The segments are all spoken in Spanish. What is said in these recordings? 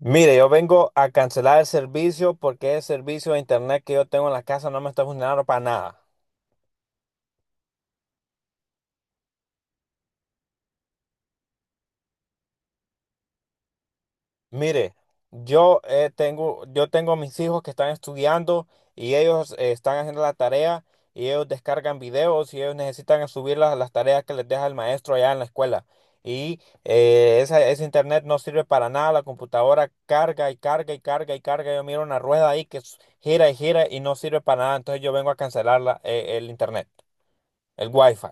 Mire, yo vengo a cancelar el servicio porque el servicio de internet que yo tengo en la casa no me está funcionando para nada. Mire, yo tengo mis hijos que están estudiando y ellos están haciendo la tarea y ellos descargan videos y ellos necesitan subir las tareas que les deja el maestro allá en la escuela. Y ese internet no sirve para nada, la computadora carga y carga y carga y carga. Yo miro una rueda ahí que gira y gira y no sirve para nada. Entonces yo vengo a cancelar el internet, el wifi.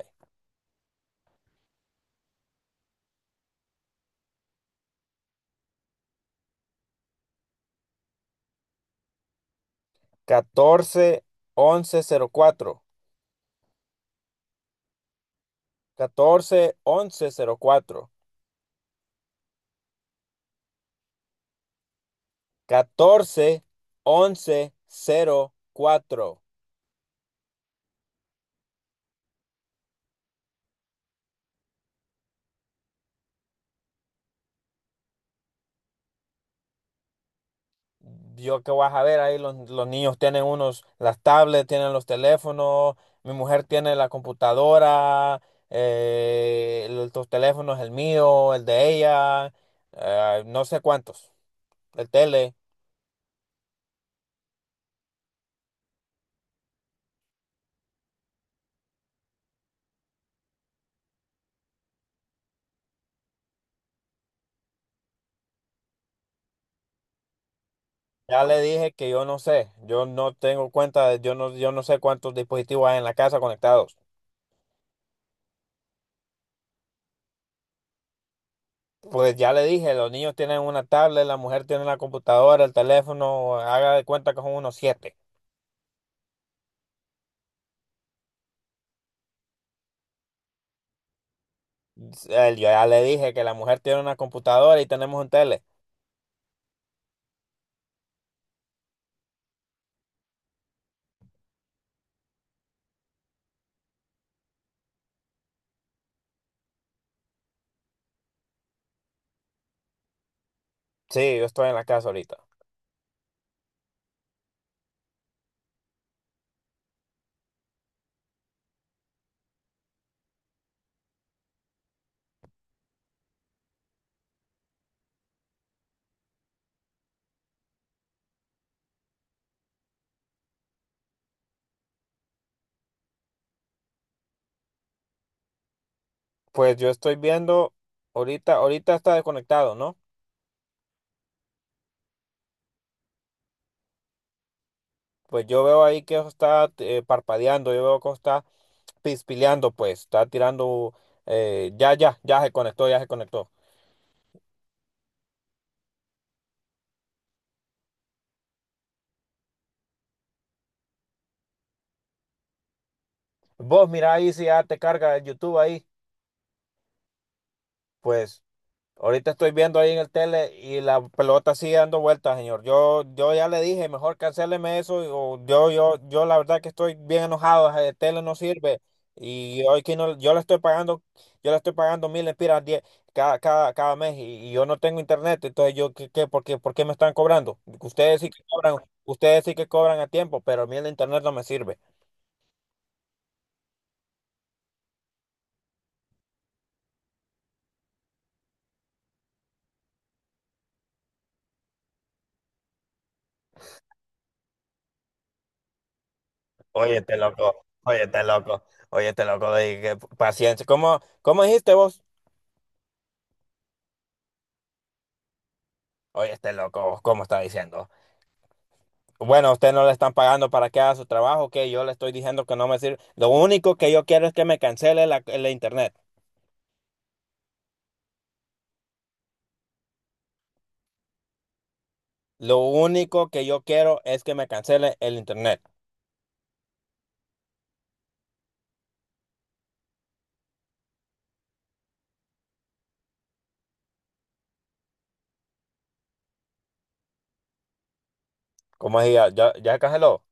14 11 04. 14 11 04. Catorce once cero cuatro. Yo que vas a ver ahí, los niños tienen unos, las tablets, tienen los teléfonos, mi mujer tiene la computadora, los teléfonos, el mío, el de ella, no sé cuántos, el tele. Ya le dije que yo no sé, yo no tengo cuenta, yo no sé cuántos dispositivos hay en la casa conectados. Pues ya le dije, los niños tienen una tablet, la mujer tiene la computadora, el teléfono, haga de cuenta que son unos siete. Yo ya le dije que la mujer tiene una computadora y tenemos un tele. Sí, yo estoy en la casa ahorita. Pues yo estoy viendo, ahorita está desconectado, ¿no? Pues yo veo ahí que está parpadeando, yo veo que está pispileando, pues, está tirando, ya se conectó, ya se conectó. Vos mira ahí si ya te carga el YouTube ahí, pues. Ahorita estoy viendo ahí en el tele y la pelota sigue dando vueltas, señor. Yo ya le dije, mejor cancéleme eso. O yo la verdad que estoy bien enojado. El tele no sirve. Y hoy que no, yo le estoy pagando mil empiras diez cada mes y yo no tengo internet. Entonces yo, ¿por qué me están cobrando? Ustedes sí que cobran, ustedes sí que cobran a tiempo, pero a mí el internet no me sirve. Oye, este loco, oye, este loco, oye, este loco, que paciencia. ¿Cómo dijiste vos? Oye, este loco, ¿cómo está diciendo? Bueno, usted no le están pagando para que haga su trabajo, que yo le estoy diciendo que no me sirve. Lo único que yo quiero es que me cancele el internet. Lo único que yo quiero es que me cancele el internet. Como decía, ya, ya canceló.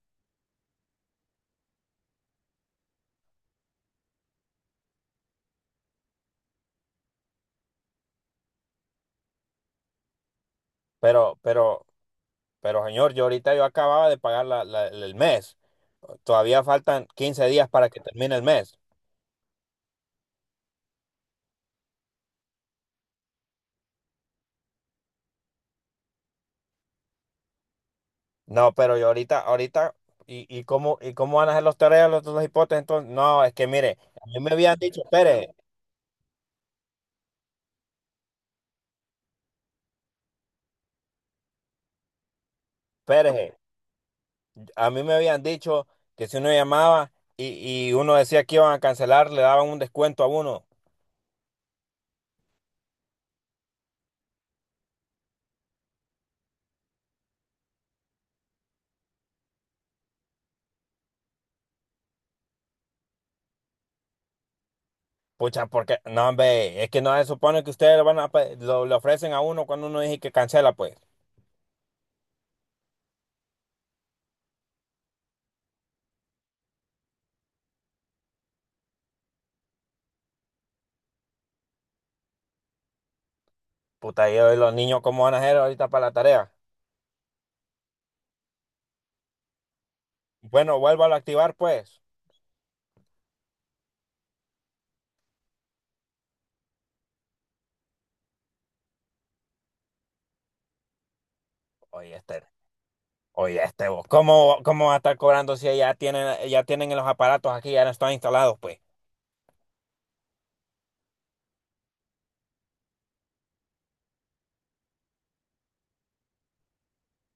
Pero, pero, pero señor, yo ahorita yo acababa de pagar el mes. Todavía faltan 15 días para que termine el mes. No, pero yo ¿y cómo van a hacer los tareas, los hipótesis? Entonces, no, es que mire, a mí me habían dicho, espere, espere. A mí me habían dicho que si uno llamaba y uno decía que iban a cancelar, le daban un descuento a uno. Pucha, porque, no, hombre, es que no se supone que ustedes lo, van a pe- lo, le ofrecen a uno cuando uno dice que cancela, pues. Puta, yo y los niños, ¿cómo van a hacer ahorita para la tarea? Bueno, vuélvalo a activar, pues. Oye, este, oye, este, vos, ¿cómo va a estar cobrando si ya tienen los aparatos aquí, ya no están instalados, pues?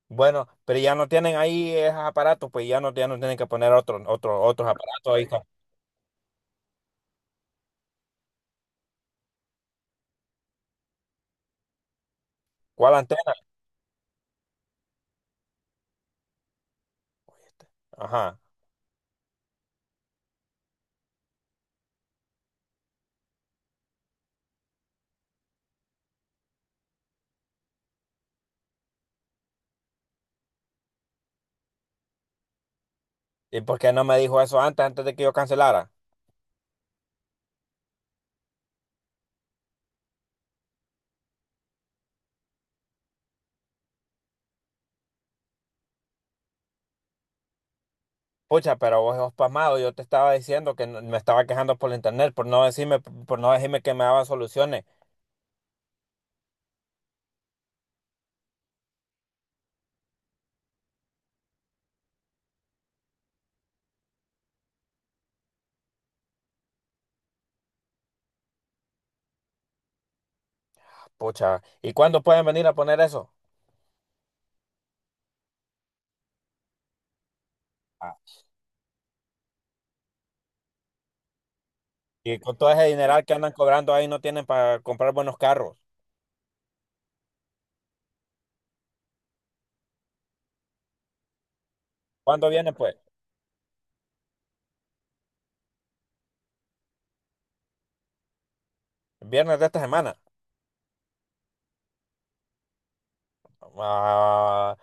Bueno, pero ya no tienen ahí esos aparatos, pues ya no tienen que poner otros aparatos ahí. ¿Cuál antena? Ajá. ¿Y por qué no me dijo eso antes, antes de que yo cancelara? Pucha, pero vos sos pasmado, yo te estaba diciendo que me estaba quejando por el internet, por no decirme que me daban soluciones. Pucha, ¿y cuándo pueden venir a poner eso? Ah. Y con todo ese dineral que andan cobrando ahí no tienen para comprar buenos carros. ¿Cuándo vienen, pues? Viernes de esta semana. Ah,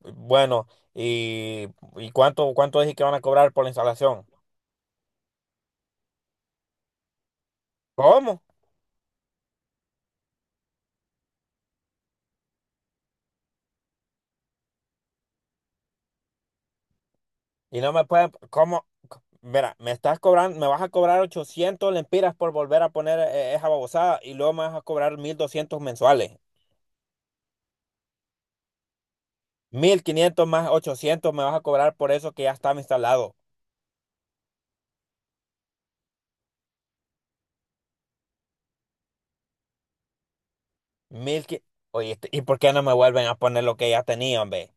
bueno, ¿y, y cuánto dije que van a cobrar por la instalación? ¿Cómo? Y no me pueden, ¿cómo? Mira, me vas a cobrar 800 lempiras por volver a poner esa babosada y luego me vas a cobrar 1,200 mensuales. 1,500 más 800 me vas a cobrar por eso que ya estaba instalado. mil qui- Oye, este, ¿y por qué no me vuelven a poner lo que ya tenían, hombre?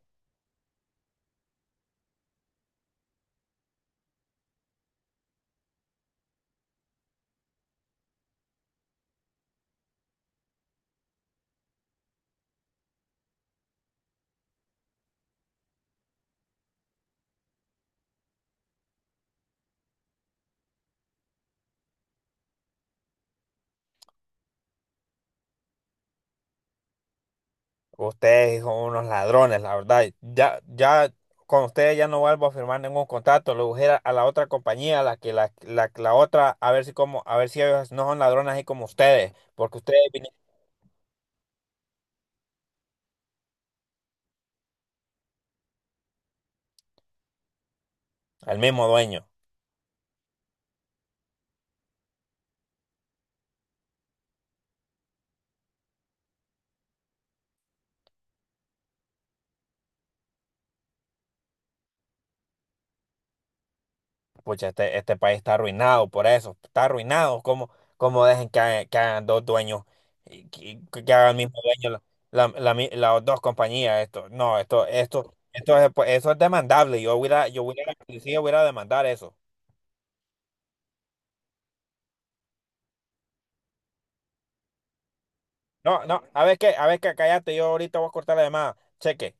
Ustedes son unos ladrones, la verdad. Ya, ya, con ustedes ya no vuelvo a firmar ningún contrato. Lo voy a ir a la otra compañía, la que la otra, a ver si ellos no son ladrones así como ustedes, porque ustedes vinieron al mismo dueño. Pucha, este país está arruinado por eso, está arruinado. ¿Cómo dejen hagan que hagan dos dueños, y que hagan el mismo dueño las dos compañías? Esto, no, esto es, pues, eso es demandable. Yo voy a ir a la policía, voy a ir a demandar eso. No, no, cállate, yo ahorita voy a cortar la llamada. Cheque.